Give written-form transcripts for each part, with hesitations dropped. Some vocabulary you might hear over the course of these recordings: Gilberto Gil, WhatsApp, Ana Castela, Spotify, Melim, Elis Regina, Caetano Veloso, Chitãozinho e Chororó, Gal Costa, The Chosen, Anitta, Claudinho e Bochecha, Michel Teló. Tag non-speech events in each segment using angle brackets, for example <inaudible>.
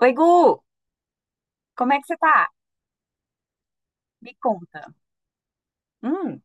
Oi, Gu! Como é que você tá? Me conta. Hum,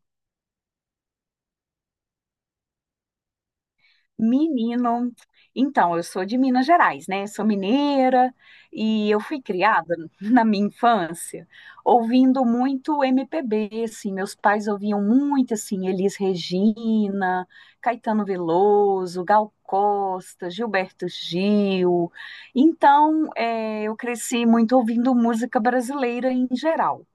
menino. Então, eu sou de Minas Gerais, né? Sou mineira e eu fui criada <laughs> na minha infância ouvindo muito MPB, assim. Meus pais ouviam muito, assim, Elis Regina, Caetano Veloso, Gal Costa, Gilberto Gil. Então, eu cresci muito ouvindo música brasileira em geral.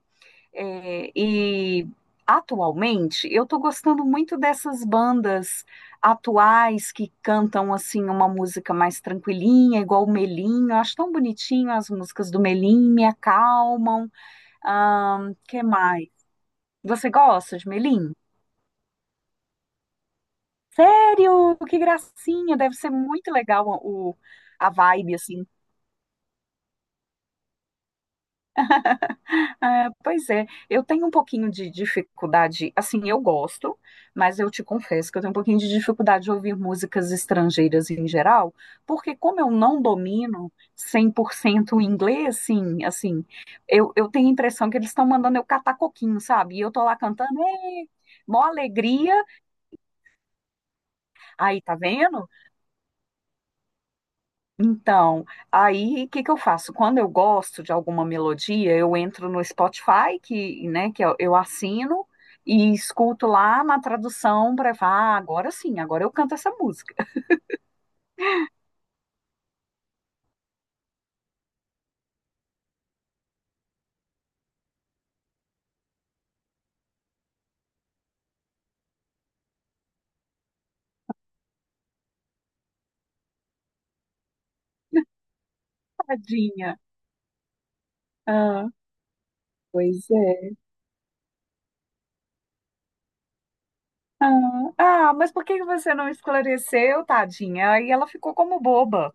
É, e atualmente eu estou gostando muito dessas bandas atuais que cantam assim uma música mais tranquilinha, igual o Melim. Eu acho tão bonitinho as músicas do Melim, me acalmam. Que mais? Você gosta de Melim? Sério? Que gracinha! Deve ser muito legal o, a vibe assim. É, pois é, eu tenho um pouquinho de dificuldade, assim, eu gosto, mas eu te confesso que eu tenho um pouquinho de dificuldade de ouvir músicas estrangeiras em geral, porque como eu não domino 100% o inglês, sim, assim, eu tenho a impressão que eles estão mandando eu catar coquinho, sabe? E eu tô lá cantando, "Ê, mó alegria, aí, tá vendo?" Então, aí o que que eu faço? Quando eu gosto de alguma melodia, eu entro no Spotify, que, né, que eu assino e escuto lá na tradução para falar, ah, agora sim, agora eu canto essa música. <laughs> Tadinha. Ah, pois é. Ah, ah, mas por que que você não esclareceu, tadinha? Aí ela ficou como boba.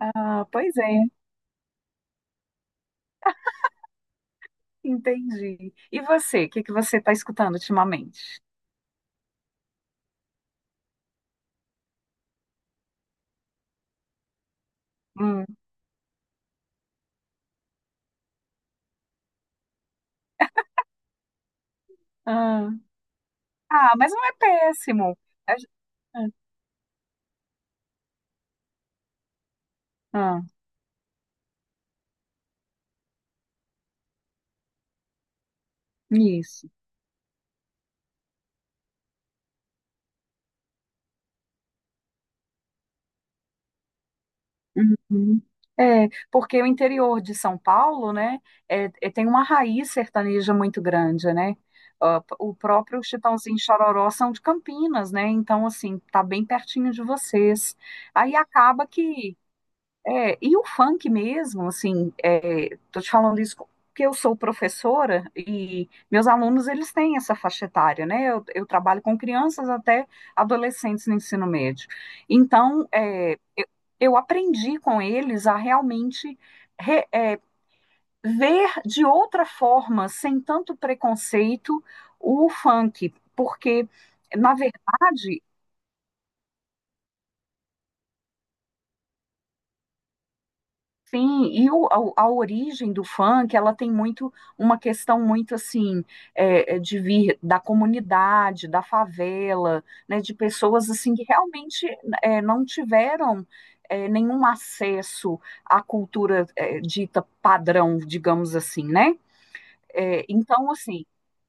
Ah, pois é, entendi. E você, o que que você está escutando ultimamente? Hum, ah, ah, mas não é péssimo. A- ah. Ah. Isso. Uhum. É, porque o interior de São Paulo, né, tem uma raiz sertaneja muito grande, né? Ah, p- o próprio Chitãozinho e Chororó são de Campinas, né? Então, assim, tá bem pertinho de vocês. Aí acaba que. É, e o funk mesmo, assim, tô te falando isso porque eu sou professora e meus alunos, eles têm essa faixa etária, né? Eu trabalho com crianças até adolescentes no ensino médio. Então, eu aprendi com eles a realmente re- é, ver de outra forma, sem tanto preconceito, o funk, porque, na verdade, sim, a origem do funk, ela tem muito, uma questão muito assim, de vir da comunidade, da favela, né, de pessoas assim que realmente não tiveram nenhum acesso à cultura, dita padrão, digamos assim, né? É, então, assim,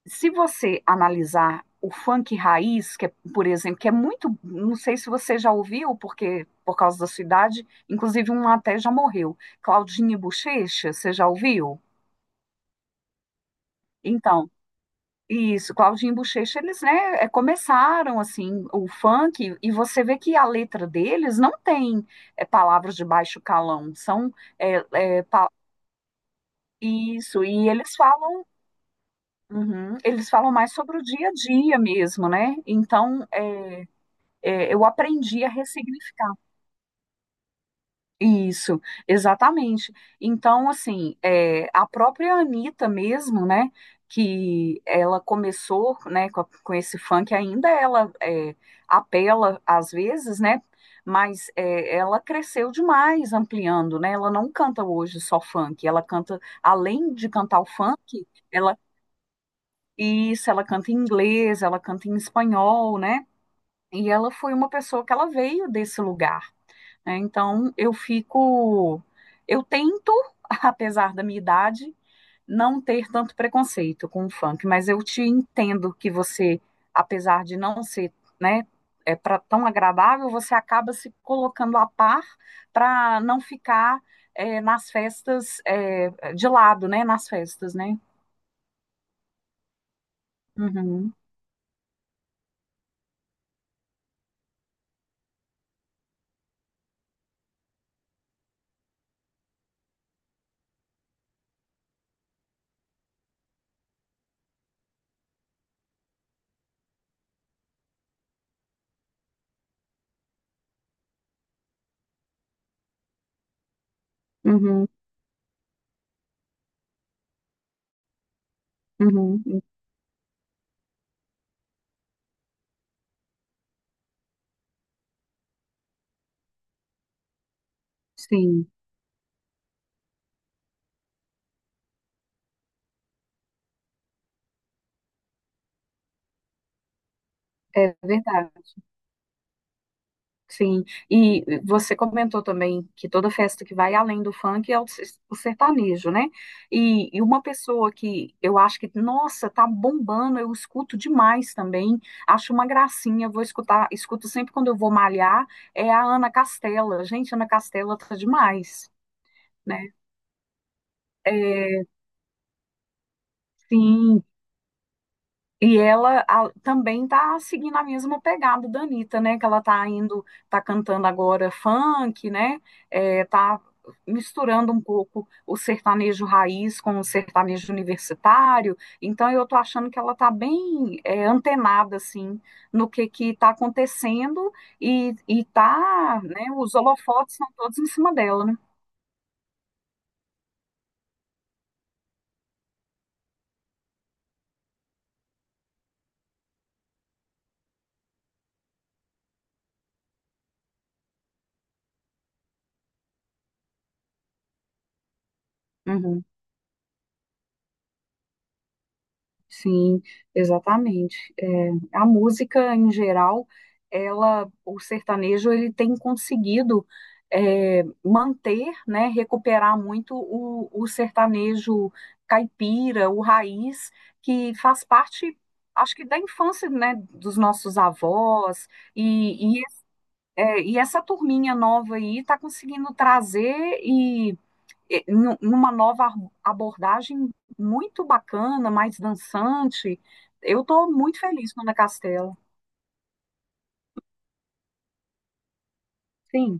se você analisar o funk raiz, que é, por exemplo, que é muito, não sei se você já ouviu, porque por causa da sua idade, inclusive um até já morreu, Claudinho e Bochecha, você já ouviu? Então, isso, Claudinho e Bochecha, eles, né, começaram, assim, o funk, e você vê que a letra deles não tem palavras de baixo calão, são é, pa- isso, e eles falam. Uhum. Eles falam mais sobre o dia a dia mesmo, né? Então, eu aprendi a ressignificar. Isso, exatamente. Então, assim, é, a própria Anitta mesmo, né? Que ela começou, né, com esse funk, ainda ela apela às vezes, né? Mas é, ela cresceu demais ampliando, né? Ela não canta hoje só funk, ela canta, além de cantar o funk, ela. Isso, ela canta em inglês, ela canta em espanhol, né? E ela foi uma pessoa que ela veio desse lugar, né? Então eu fico, eu tento, <laughs> apesar da minha idade, não ter tanto preconceito com o funk, mas eu te entendo que você, apesar de não ser, né, é para tão agradável, você acaba se colocando a par para não ficar nas festas, de lado, né? Nas festas, né? Uhum, uhum, uhum. Sim, é verdade. Sim. E você comentou também que toda festa que vai além do funk é o sertanejo, né? E uma pessoa que eu acho que, nossa, tá bombando, eu escuto demais também, acho uma gracinha, vou escutar, escuto sempre quando eu vou malhar, é a Ana Castela. Gente, Ana Castela tá demais, né? É, sim. E ela também tá seguindo a mesma pegada da Anitta, né? Que ela tá indo, tá cantando agora funk, né? É, tá misturando um pouco o sertanejo raiz com o sertanejo universitário. Então eu tô achando que ela tá bem antenada, assim, no que tá acontecendo e tá, né? Os holofotes estão todos em cima dela, né? Uhum. Sim, exatamente. É, a música em geral, ela, o sertanejo, ele tem conseguido manter, né, recuperar muito o sertanejo caipira, o raiz, que faz parte, acho que da infância, né, dos nossos avós e, e, e essa turminha nova aí está conseguindo trazer eh, numa nova abordagem muito bacana, mais dançante. Eu estou muito feliz com a Ana Castela. Sim,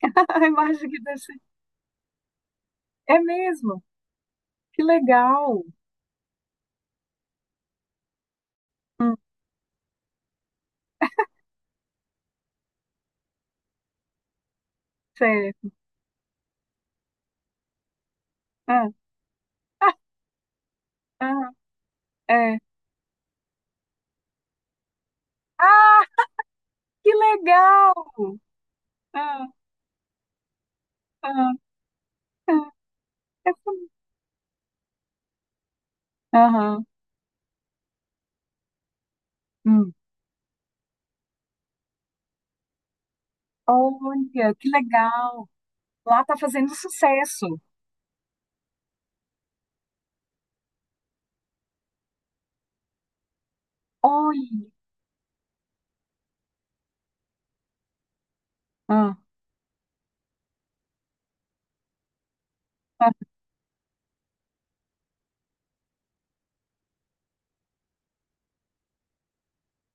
<laughs> a imagem que deve ser. É mesmo, que legal. Hum, certo. Ah, ah, é. Ah, que legal! Ah, ah, ah, é bonito. Aham, hum. Olha, que legal! Lá tá fazendo sucesso. Olha. Ah.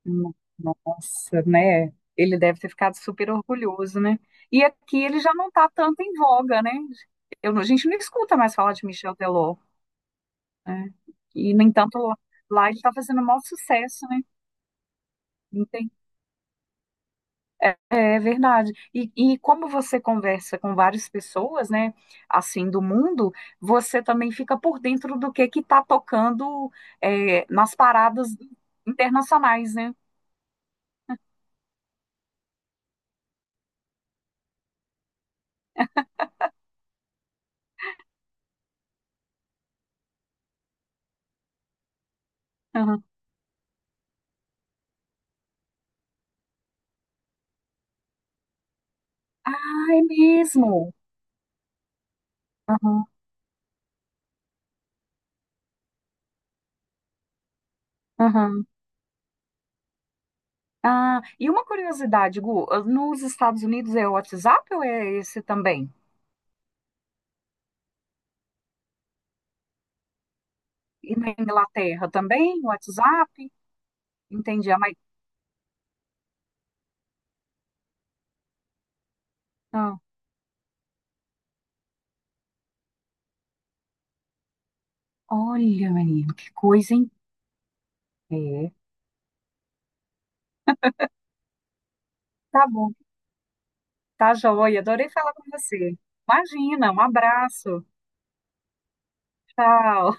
No- Nossa, né? Ele deve ter ficado super orgulhoso, né? E aqui ele já não tá tanto em voga, né? Eu, não- a gente não escuta mais falar de Michel Teló, né? E, no entanto, lá, lá ele tá fazendo o maior sucesso, né? Não. É, é verdade. E como você conversa com várias pessoas, né? Assim, do mundo, você também fica por dentro do que está tocando nas paradas internacionais, né? Aham. Ah, é mesmo? Aham, aham. Ah, e uma curiosidade, Gu, ah, nos Estados Unidos é o WhatsApp ou é esse também? E na Inglaterra também, o WhatsApp? Entendi. Ah, mas, ah, olha, menino, que coisa, hein? É, tá bom, tá joia, adorei falar com você. Imagina, um abraço, tchau.